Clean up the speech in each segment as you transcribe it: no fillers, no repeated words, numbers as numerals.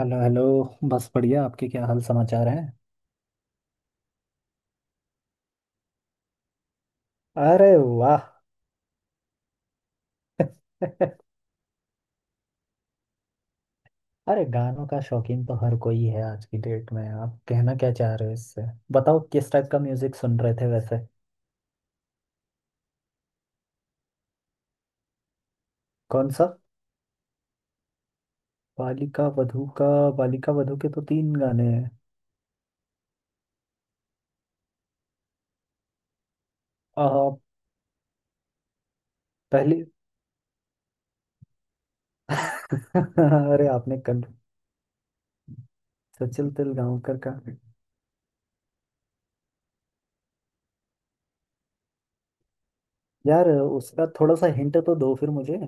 Hello hello. बस बढ़िया, आपके क्या हाल समाचार हैं। अरे वाह। अरे गानों का शौकीन तो हर कोई है आज की डेट में, आप कहना क्या चाह रहे हो इससे। बताओ किस टाइप का म्यूजिक सुन रहे थे वैसे। कौन सा? बालिका वधू का? बालिका वधू के तो तीन गाने हैं। आ, पहले। अरे आपने कल सचिन तेलगांवकर का, यार उसका थोड़ा सा हिंट तो दो फिर मुझे।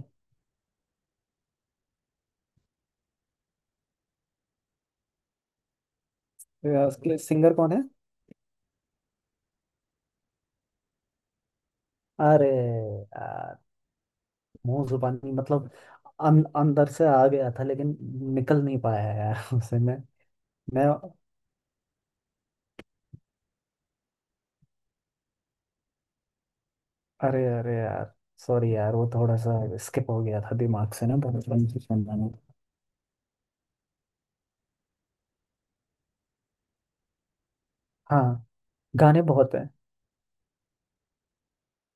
उसके सिंगर कौन है? अरे मुंह जुबानी मतलब अंदर से आ गया था लेकिन निकल नहीं पाया यार उसे। मैं अरे अरे यार, सॉरी यार वो थोड़ा सा स्किप हो गया था दिमाग से ना, बचपन से सुनना नहीं। हाँ गाने बहुत हैं।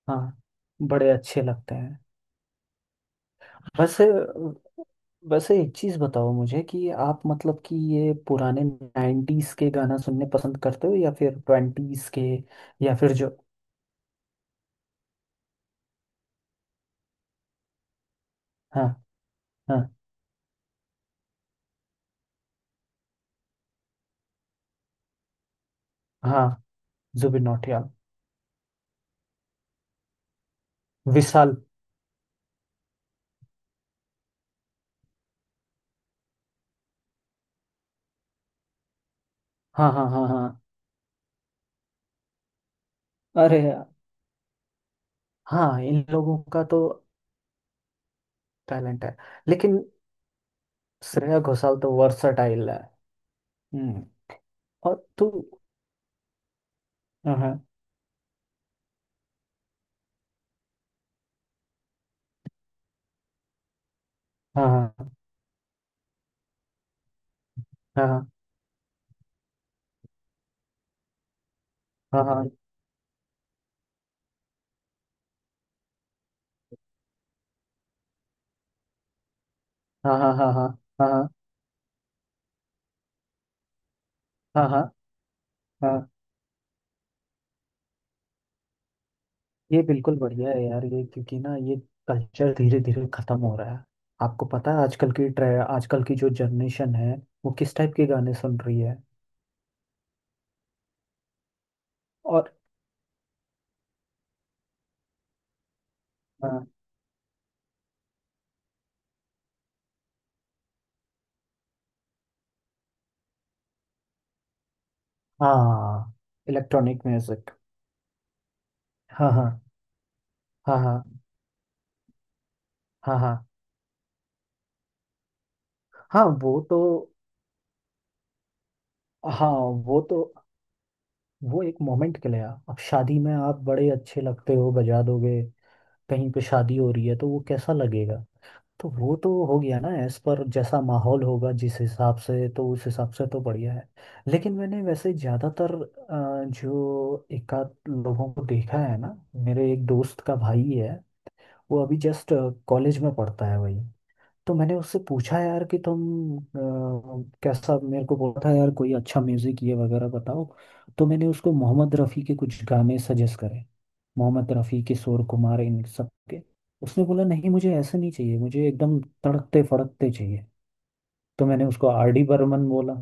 हाँ बड़े अच्छे लगते हैं। वैसे वैसे एक चीज बताओ मुझे कि आप मतलब कि ये पुराने 90s के गाना सुनने पसंद करते हो या फिर ट्वेंटीज के या फिर जो। हाँ हाँ हाँ। जुबिन नौटियाल। विशाल। हाँ हाँ हाँ हाँ। अरे यार। हाँ इन लोगों का तो टैलेंट है लेकिन श्रेया घोषाल तो वर्सटाइल है। हम्म। और तू। हाँ हाँ हाँ हाँ हाँ हाँ हाँ हाँ हाँ हाँ हाँ हाँ हाँ हाँ हाँ, हाँ। ये बिल्कुल बढ़िया है यार, ये क्योंकि ना ये कल्चर धीरे धीरे खत्म हो रहा है। आपको पता है आजकल की ट्रे, आजकल की जो जनरेशन है वो किस टाइप के गाने सुन रही है। और हाँ हाँ इलेक्ट्रॉनिक म्यूजिक। हाँ हाँ हाँ हाँ हाँ हाँ हाँ। वो तो हाँ वो तो वो एक मोमेंट के लिए, अब शादी में आप बड़े अच्छे लगते हो बजा दोगे, कहीं पे शादी हो रही है तो वो कैसा लगेगा। तो वो तो हो गया ना, एज पर जैसा माहौल होगा जिस हिसाब से, तो उस हिसाब से तो बढ़िया है। लेकिन मैंने वैसे ज़्यादातर जो एकाध लोगों को देखा है ना, मेरे एक दोस्त का भाई है। वो अभी जस्ट कॉलेज में पढ़ता है वही। तो मैंने उससे पूछा यार कि तुम कैसा, मेरे को बोला था यार कोई अच्छा म्यूजिक ये वगैरह बताओ। तो मैंने उसको मोहम्मद रफ़ी के कुछ गाने सजेस्ट करे। मोहम्मद रफ़ी, किशोर कुमार, इन सब के। उसने बोला नहीं मुझे ऐसे नहीं चाहिए, मुझे एकदम तड़कते फड़कते चाहिए। तो मैंने उसको आर डी बर्मन बोला।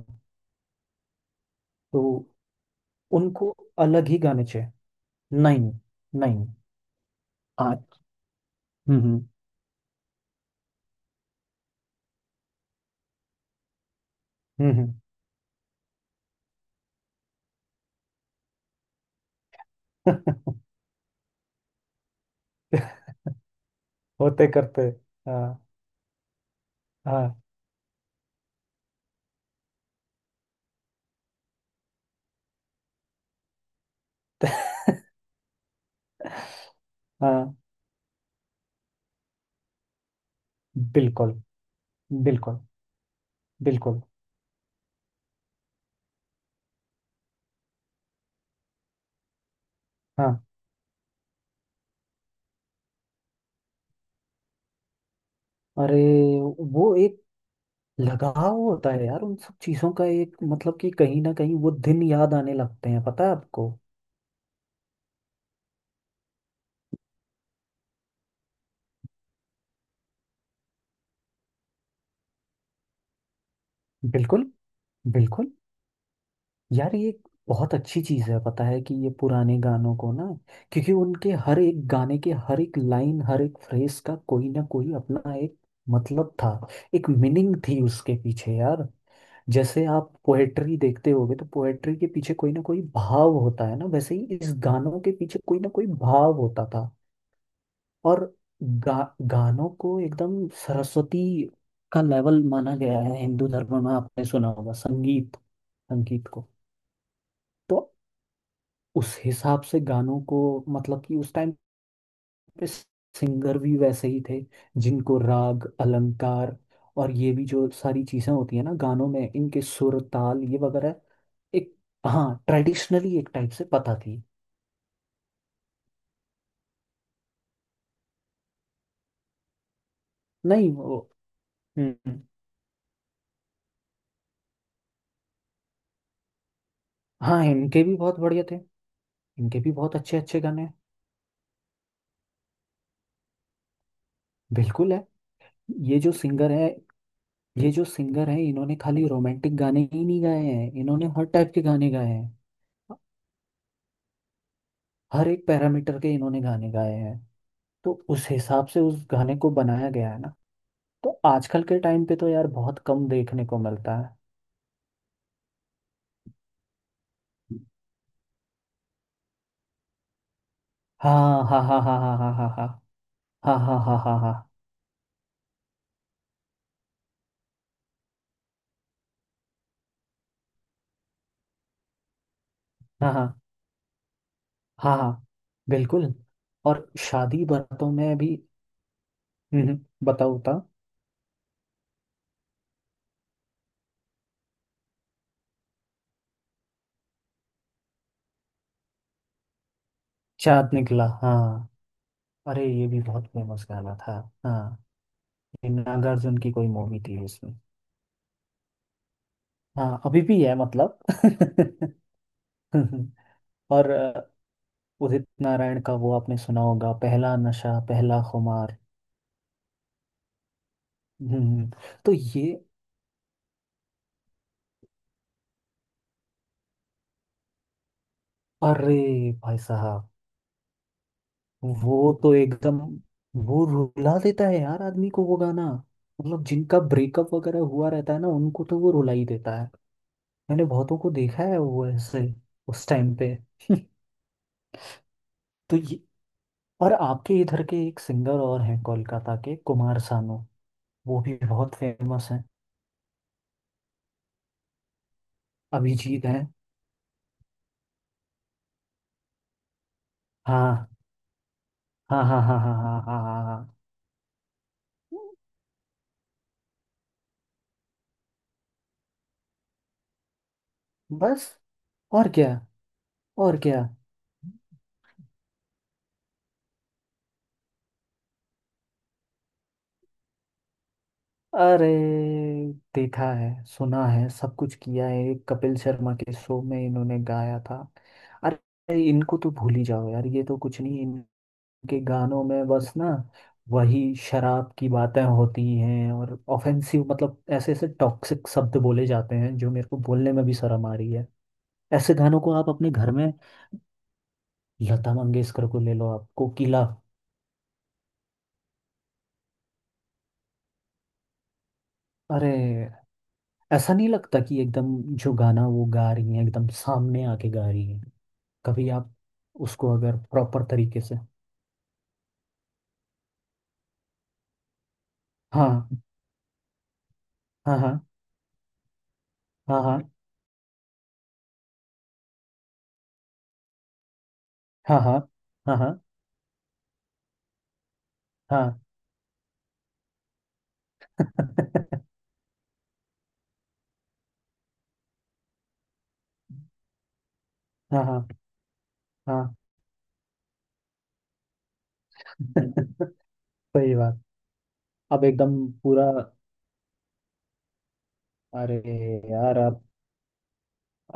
तो उनको अलग ही गाने चाहिए। नहीं नहीं। आज। हम्म हम्म हम्म, हम्म। होते करते। हाँ हाँ। हाँ बिल्कुल बिल्कुल बिल्कुल। हाँ अरे वो एक लगाव होता है यार उन सब चीजों का एक मतलब, कि कहीं ना कहीं वो दिन याद आने लगते हैं पता है आपको। बिल्कुल बिल्कुल। यार ये एक बहुत अच्छी चीज है पता है, कि ये पुराने गानों को ना, क्योंकि उनके हर एक गाने के हर एक लाइन हर एक फ्रेज का कोई ना कोई अपना एक मतलब था, एक मीनिंग थी उसके पीछे यार। जैसे आप पोएट्री देखते होगे तो पोएट्री के पीछे कोई ना कोई भाव होता है ना, वैसे ही इस गानों के पीछे कोई ना कोई भाव होता था। और गानों को एकदम सरस्वती का लेवल माना गया है हिंदू धर्म में, आपने सुना होगा संगीत, संगीत को। तो उस हिसाब से गानों को मतलब कि उस टाइम सिंगर भी वैसे ही थे, जिनको राग अलंकार और ये भी जो सारी चीजें होती है ना गानों में, इनके सुर ताल ये वगैरह एक, हाँ ट्रेडिशनली एक टाइप से पता थी। नहीं वो हम्म। हाँ इनके भी बहुत बढ़िया थे। इनके भी बहुत अच्छे अच्छे गाने हैं। बिल्कुल है। ये जो सिंगर है, ये जो सिंगर है इन्होंने खाली रोमांटिक गाने ही नहीं गाए हैं, इन्होंने हर टाइप के गाने गाए हैं। हर एक पैरामीटर के इन्होंने गाने गाए हैं। तो उस हिसाब से उस गाने को बनाया गया है ना। तो आजकल के टाइम पे तो यार बहुत कम देखने को मिलता है। हाँ हाँ हाँ हाँ हाँ हाँ हाँ हाँ हाँ हाँ हाँ हाँ हाँ हाँ हाँ हाँ हाँ, बिल्कुल। और शादी बरतों में भी। हम्म, बताओ बताओ। चाँद निकला, हाँ अरे ये भी बहुत फेमस गाना था। हाँ ये नागार्जुन की कोई मूवी थी उसमें। हाँ अभी भी है मतलब। और उदित नारायण का वो आपने सुना होगा, पहला नशा पहला खुमार। हम्म हम्म, तो ये अरे भाई साहब, वो तो एकदम वो रुला देता है यार आदमी को वो गाना। मतलब जिनका ब्रेकअप वगैरह हुआ रहता है ना उनको तो वो रुला ही देता है। मैंने बहुतों को देखा है वो ऐसे उस टाइम पे। तो ये और आपके इधर के एक सिंगर और हैं कोलकाता के, कुमार सानू, वो भी बहुत फेमस हैं। अभिजीत हैं। हाँ हाँ हाँ हाँ हाँ हाँ हाँ हाँ हाँ। बस, और क्या, और क्या। अरे देखा है सुना है सब कुछ किया है, एक कपिल शर्मा के शो में इन्होंने गाया था। अरे इनको तो भूल ही जाओ यार, ये तो कुछ नहीं इनके गानों में बस ना वही शराब की बातें होती हैं और ऑफेंसिव, मतलब ऐसे ऐसे टॉक्सिक शब्द बोले जाते हैं जो मेरे को बोलने में भी शर्म आ रही है। ऐसे गानों को आप अपने घर में। लता मंगेशकर को ले लो आप, कोकिला। अरे ऐसा नहीं लगता कि एकदम जो गाना वो गा रही हैं एकदम सामने आके गा रही हैं। कभी आप उसको अगर प्रॉपर तरीके से। हाँ हाँ हाँ हाँ हाँ हाँ हाँ हाँ हाँ हाँ। हाँ हाँ हाँ। सही बात, अब एकदम पूरा। अरे यार आप,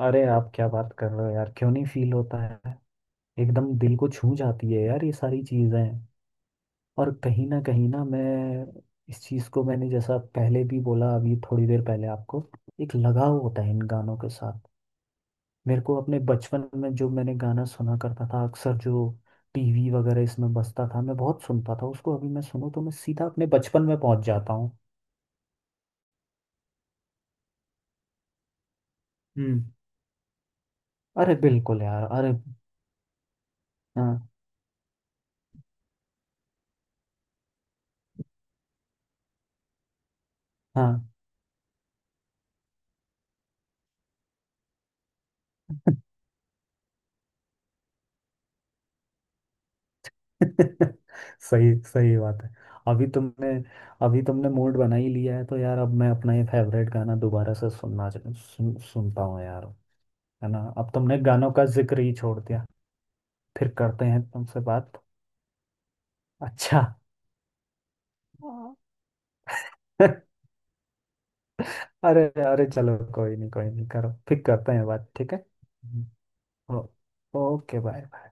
अरे आप क्या बात कर रहे हो यार, क्यों नहीं फील होता है। एकदम दिल को छू जाती है यार ये सारी चीज़ें। और कहीं ना मैं इस चीज़ को, मैंने जैसा पहले भी बोला अभी थोड़ी देर पहले आपको, एक लगाव होता है इन गानों के साथ। मेरे को अपने बचपन में जो मैंने गाना सुना करता था अक्सर जो टीवी वगैरह इसमें बजता था मैं बहुत सुनता था उसको, अभी मैं सुनूं तो मैं सीधा अपने बचपन में पहुंच जाता हूँ। हम्म। अरे बिल्कुल यार, अरे हाँ हाँ। सही सही बात है। अभी तुमने अभी तुमने मूड बना ही लिया है तो यार, अब मैं अपना ये फेवरेट गाना दोबारा से सुनना सुनता हूँ यार। है ना, अब तुमने गानों का जिक्र ही छोड़ दिया। फिर करते हैं तुमसे बात। अच्छा। अरे अरे चलो कोई नहीं कोई नहीं, करो फिर करते हैं बात, ठीक है। हम्म, ओ, ओके बाय।